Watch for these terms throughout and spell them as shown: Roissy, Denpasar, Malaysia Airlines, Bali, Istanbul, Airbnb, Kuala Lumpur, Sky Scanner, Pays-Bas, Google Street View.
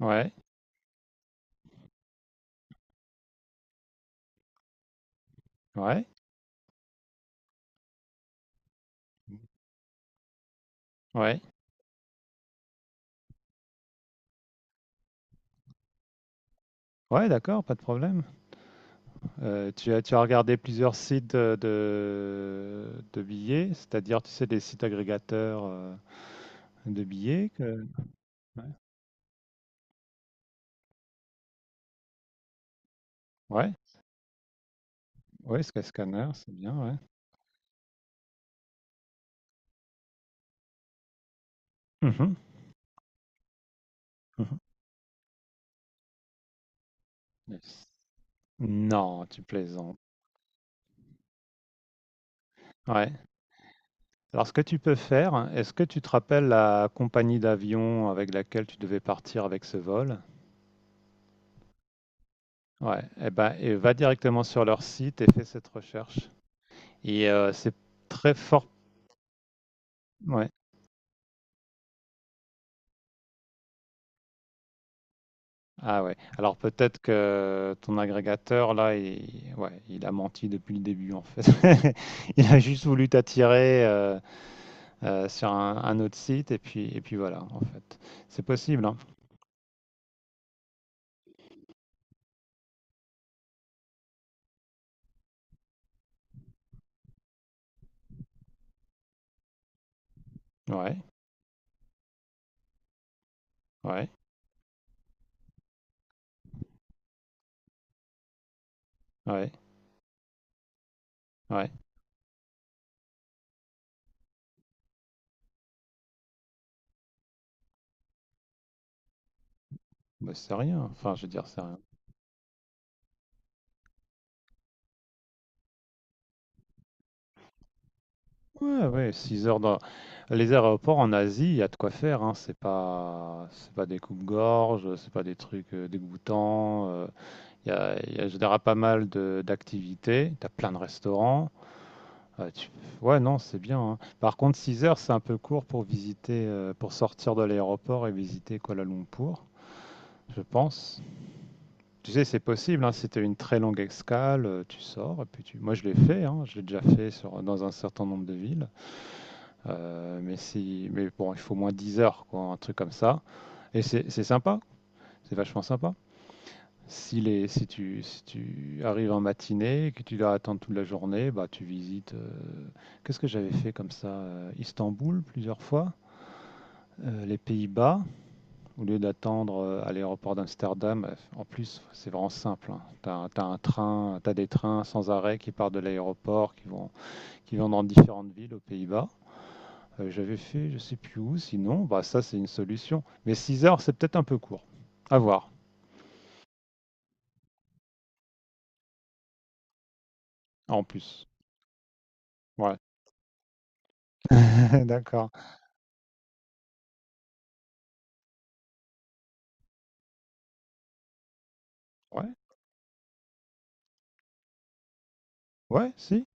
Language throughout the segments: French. Ouais, ouais, ouais. Ouais, d'accord, pas de problème. Tu as, regardé plusieurs sites de billets, c'est-à-dire, tu sais, des sites agrégateurs de billets que... Ouais, ouais, ouais, Sky Scanner, c'est bien, ouais. Mhm, mhm. Yes. Non, tu plaisantes. Ouais. Alors, ce que tu peux faire, hein, est-ce que tu te rappelles la compagnie d'avion avec laquelle tu devais partir avec ce vol? Ouais. Eh ben, et va directement sur leur site et fais cette recherche. Et c'est très fort. Ouais. Ah ouais. Alors peut-être que ton agrégateur là, il, ouais, il a menti depuis le début en fait. Il a juste voulu t'attirer sur un autre site et puis voilà en fait. C'est possible, hein. Ouais, ouais, ouais, ouais. Bah, c'est rien. Enfin, je veux dire, c'est rien. Ouais, ouais. 6 heures dans les aéroports en Asie, il y a de quoi faire. Hein. C'est pas des coupes-gorges, c'est pas des trucs dégoûtants. Il y a, je dirais, pas mal d'activités. Tu as plein de restaurants. Euh, tu- Ouais, non, c'est bien. Hein. Par contre, 6 heures, c'est un peu court pour visiter, pour sortir de l'aéroport et visiter Kuala Lumpur, je pense. Tu sais, c'est possible. Hein, si tu as une très longue escale, tu sors. Et puis Moi, je l'ai fait. Hein, je l'ai déjà fait dans un certain nombre de villes. Mais, si... mais bon, il faut au moins 10 heures, quoi, un truc comme ça. Et c'est sympa. C'est vachement sympa. Si tu arrives en matinée, et que tu dois attendre toute la journée, bah, tu visites. Qu'est-ce que j'avais fait comme ça Istanbul plusieurs fois, les Pays-Bas, au lieu d'attendre à l'aéroport d'Amsterdam. En plus, c'est vraiment simple. Tu as, un train, tu Des trains sans arrêt qui partent de l'aéroport, qui vont, dans différentes villes aux Pays-Bas. J'avais fait, je sais plus où, sinon, bah, ça, c'est une solution. Mais 6 heures, c'est peut-être un peu court. À voir, en plus. Ouais, d'accord. Ouais, ouais, si.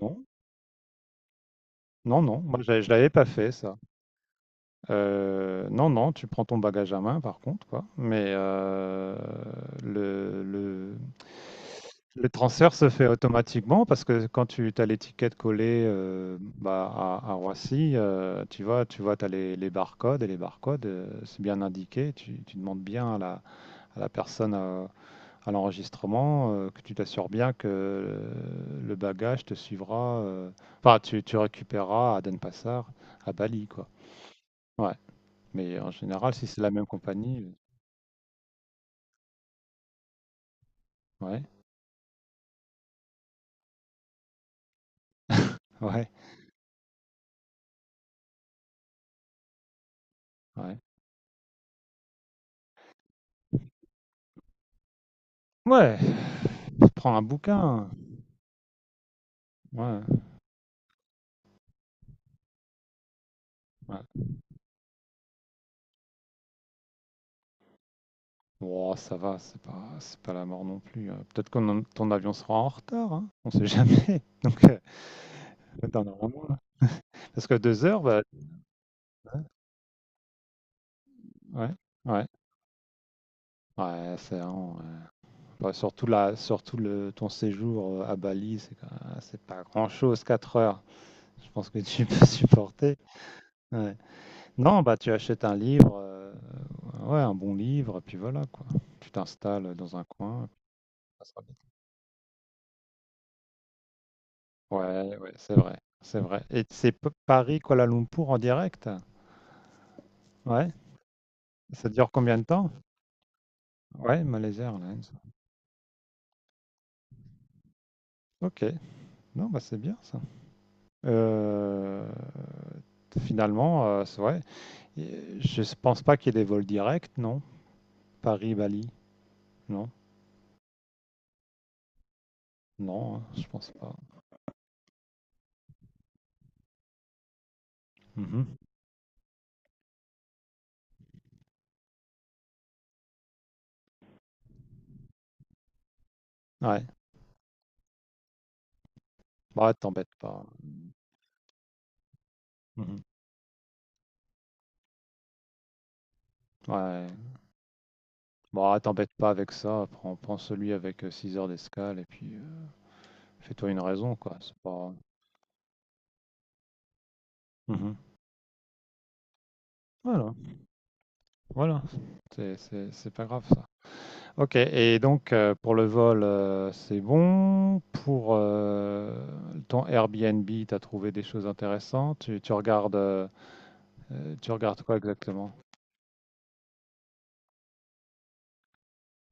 Non, non, non, moi je l'avais pas fait ça. Non, non, tu prends ton bagage à main par contre, quoi. Mais le, le, le transfert se fait automatiquement parce que quand tu as l'étiquette collée bah, à Roissy, tu vois, tu as les barcodes c'est bien indiqué. Tu demandes bien à la personne à l'enregistrement, que tu t'assures bien que le bagage te suivra, enfin tu récupéreras à Denpasar, à Bali, quoi. Ouais. Mais en général, si c'est la même compagnie, ouais, ouais, ouais. Ouais, prends un bouquin. Ouais, ouais. Oh, ça va, c'est pas, la mort non plus. Peut-être que ton avion sera en retard, hein, on sait jamais. Donc, t'en auras moins. Parce que deux heures, bah, ouais, ouais, ouais, c'est vraiment, bah, surtout là, ton séjour à Bali, c'est quand ah, c'est pas grand-chose, 4 heures. Je pense que tu peux supporter. Ouais. Non, bah tu achètes un livre, ouais, un bon livre, et puis voilà quoi. Tu t'installes dans un coin. Et puis ça sera bien. Ouais, ouais, c'est vrai, c'est vrai. Et c'est Paris-Kuala Lumpur en direct? Ouais. Ça dure combien de temps? Ouais, Malaysia Airlines. Ok. Non, bah c'est bien ça. Euh, Finalement, ouais, et je ne pense pas qu'il y ait des vols directs, non? Paris-Bali, non? Non, hein, je pense pas. Mhm. Ouais, bah t'embête pas. Mhm. Ouais, bah t'embête pas avec ça. Prends celui avec 6 heures d'escale et puis fais-toi une raison, quoi. C'est pas. Mhm. Voilà, voilà. C'est pas grave ça. Ok, et donc pour le vol, c'est bon. Pour ton Airbnb, t'as trouvé des choses intéressantes. Tu regardes quoi exactement?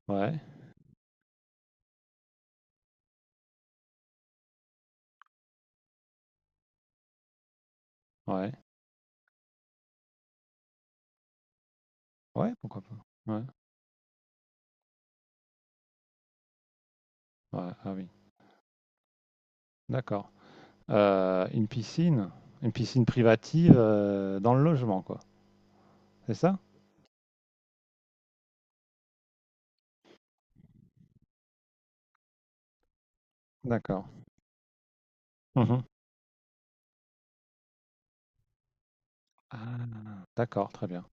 Ouais, ouais, ouais, pourquoi pas. Ouais, ouais, ah oui, d'accord. Une piscine, privative dans le logement, quoi. C'est ça? D'accord. Mhm. Ah, d'accord, très bien.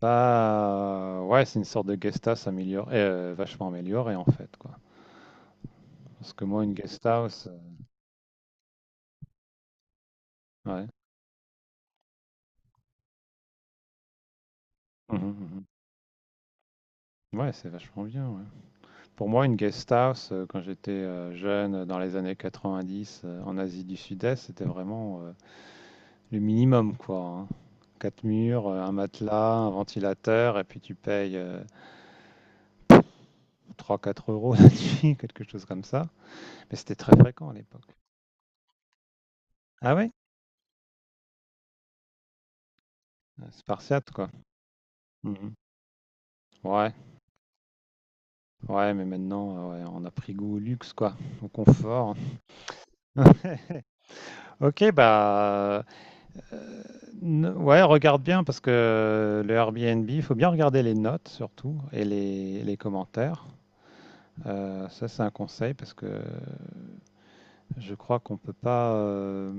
Bah, ouais, c'est une sorte de guest house améliorée, vachement améliorée en fait, quoi. Parce que moi, une guest house, ouais. Mhm, mhm. Ouais, c'est vachement bien, ouais. Pour moi, une guest house, quand j'étais jeune, dans les années 90, en Asie du Sud-Est, c'était vraiment le minimum, quoi. Hein. Quatre murs, un matelas, un ventilateur, et puis tu payes trois quatre euros la nuit, quelque chose comme ça. Mais c'était très fréquent à l'époque. Ah ouais? Spartiate, quoi. Mhm. Ouais, ouais, mais maintenant, ouais, on a pris goût au luxe, quoi, au confort. Ok, bah, ouais, regarde bien parce que le Airbnb, il faut bien regarder les notes surtout et les commentaires. Ça, c'est un conseil parce que je crois qu'on peut pas.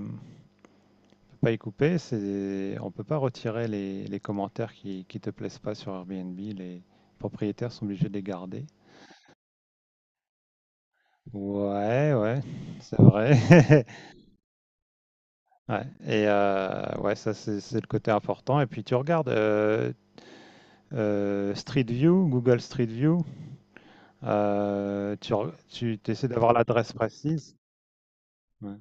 Pas y couper, c'est on peut pas retirer les commentaires qui te plaisent pas sur Airbnb. Les propriétaires sont obligés de les garder. Ouais, ouais, c'est vrai. Ouais. Et ouais, ça c'est le côté important. Et puis tu regardes Street View, Google Street View. Tu essaies d'avoir l'adresse précise. Ouais,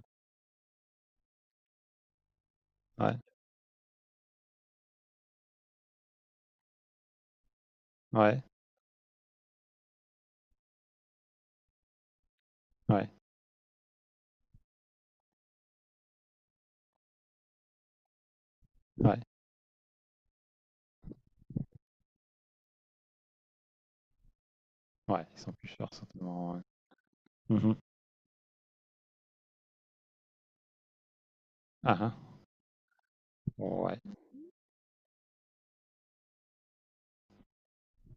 ouais, ouais, ouais, ouais, ouais, ils sont plus chers certainement. Ouais. Mhm. Ah, ah. Ouais,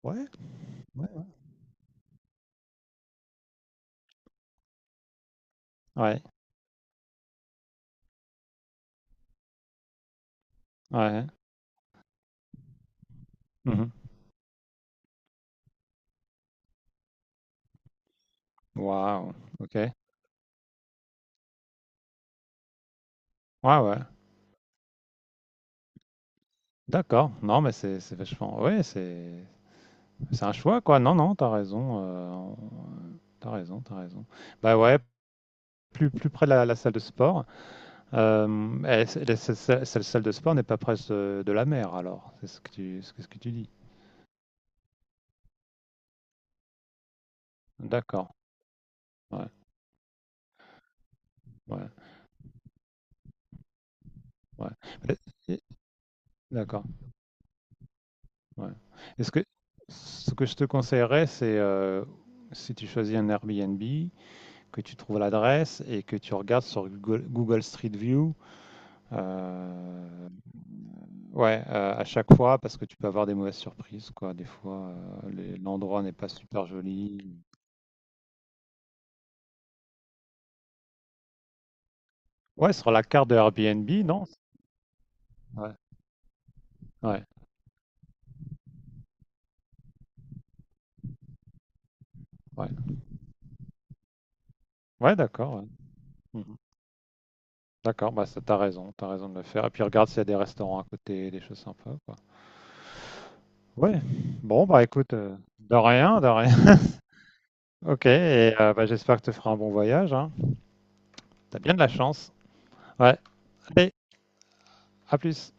ouais, ouais, ouais, ouais. Mhm. Wow, ok. Ouais, ouais. D'accord. Non, mais c'est vachement. Ouais, c'est un choix, quoi. Non, non, t'as raison. T'as raison, t'as raison. Bah ouais, plus près la salle de sport. Euh, cette salle de sport n'est pas près de la mer, alors. C'est ce que tu dis. D'accord. Ouais, ouais, ouais. Mais- et- D'accord. Ouais. Est-ce que Ce que je te conseillerais, c'est si tu choisis un Airbnb. Que tu trouves l'adresse et que tu regardes sur Google Street View. euh, ouais, à chaque fois, parce que tu peux avoir des mauvaises surprises, quoi. Des fois, l'endroit n'est pas super joli. Ouais, sur la carte de Airbnb, non? Ouais, ouais, ouais. Ouais, d'accord. Ouais. Mhm. D'accord, bah ça, t'as raison, de le faire. Et puis regarde s'il y a des restaurants à côté, des choses sympas, quoi. Ouais. Bon, bah écoute, de rien, de rien. Ok, et bah, j'espère que tu feras un bon voyage, hein. T'as bien de la chance. Ouais. Allez. À plus.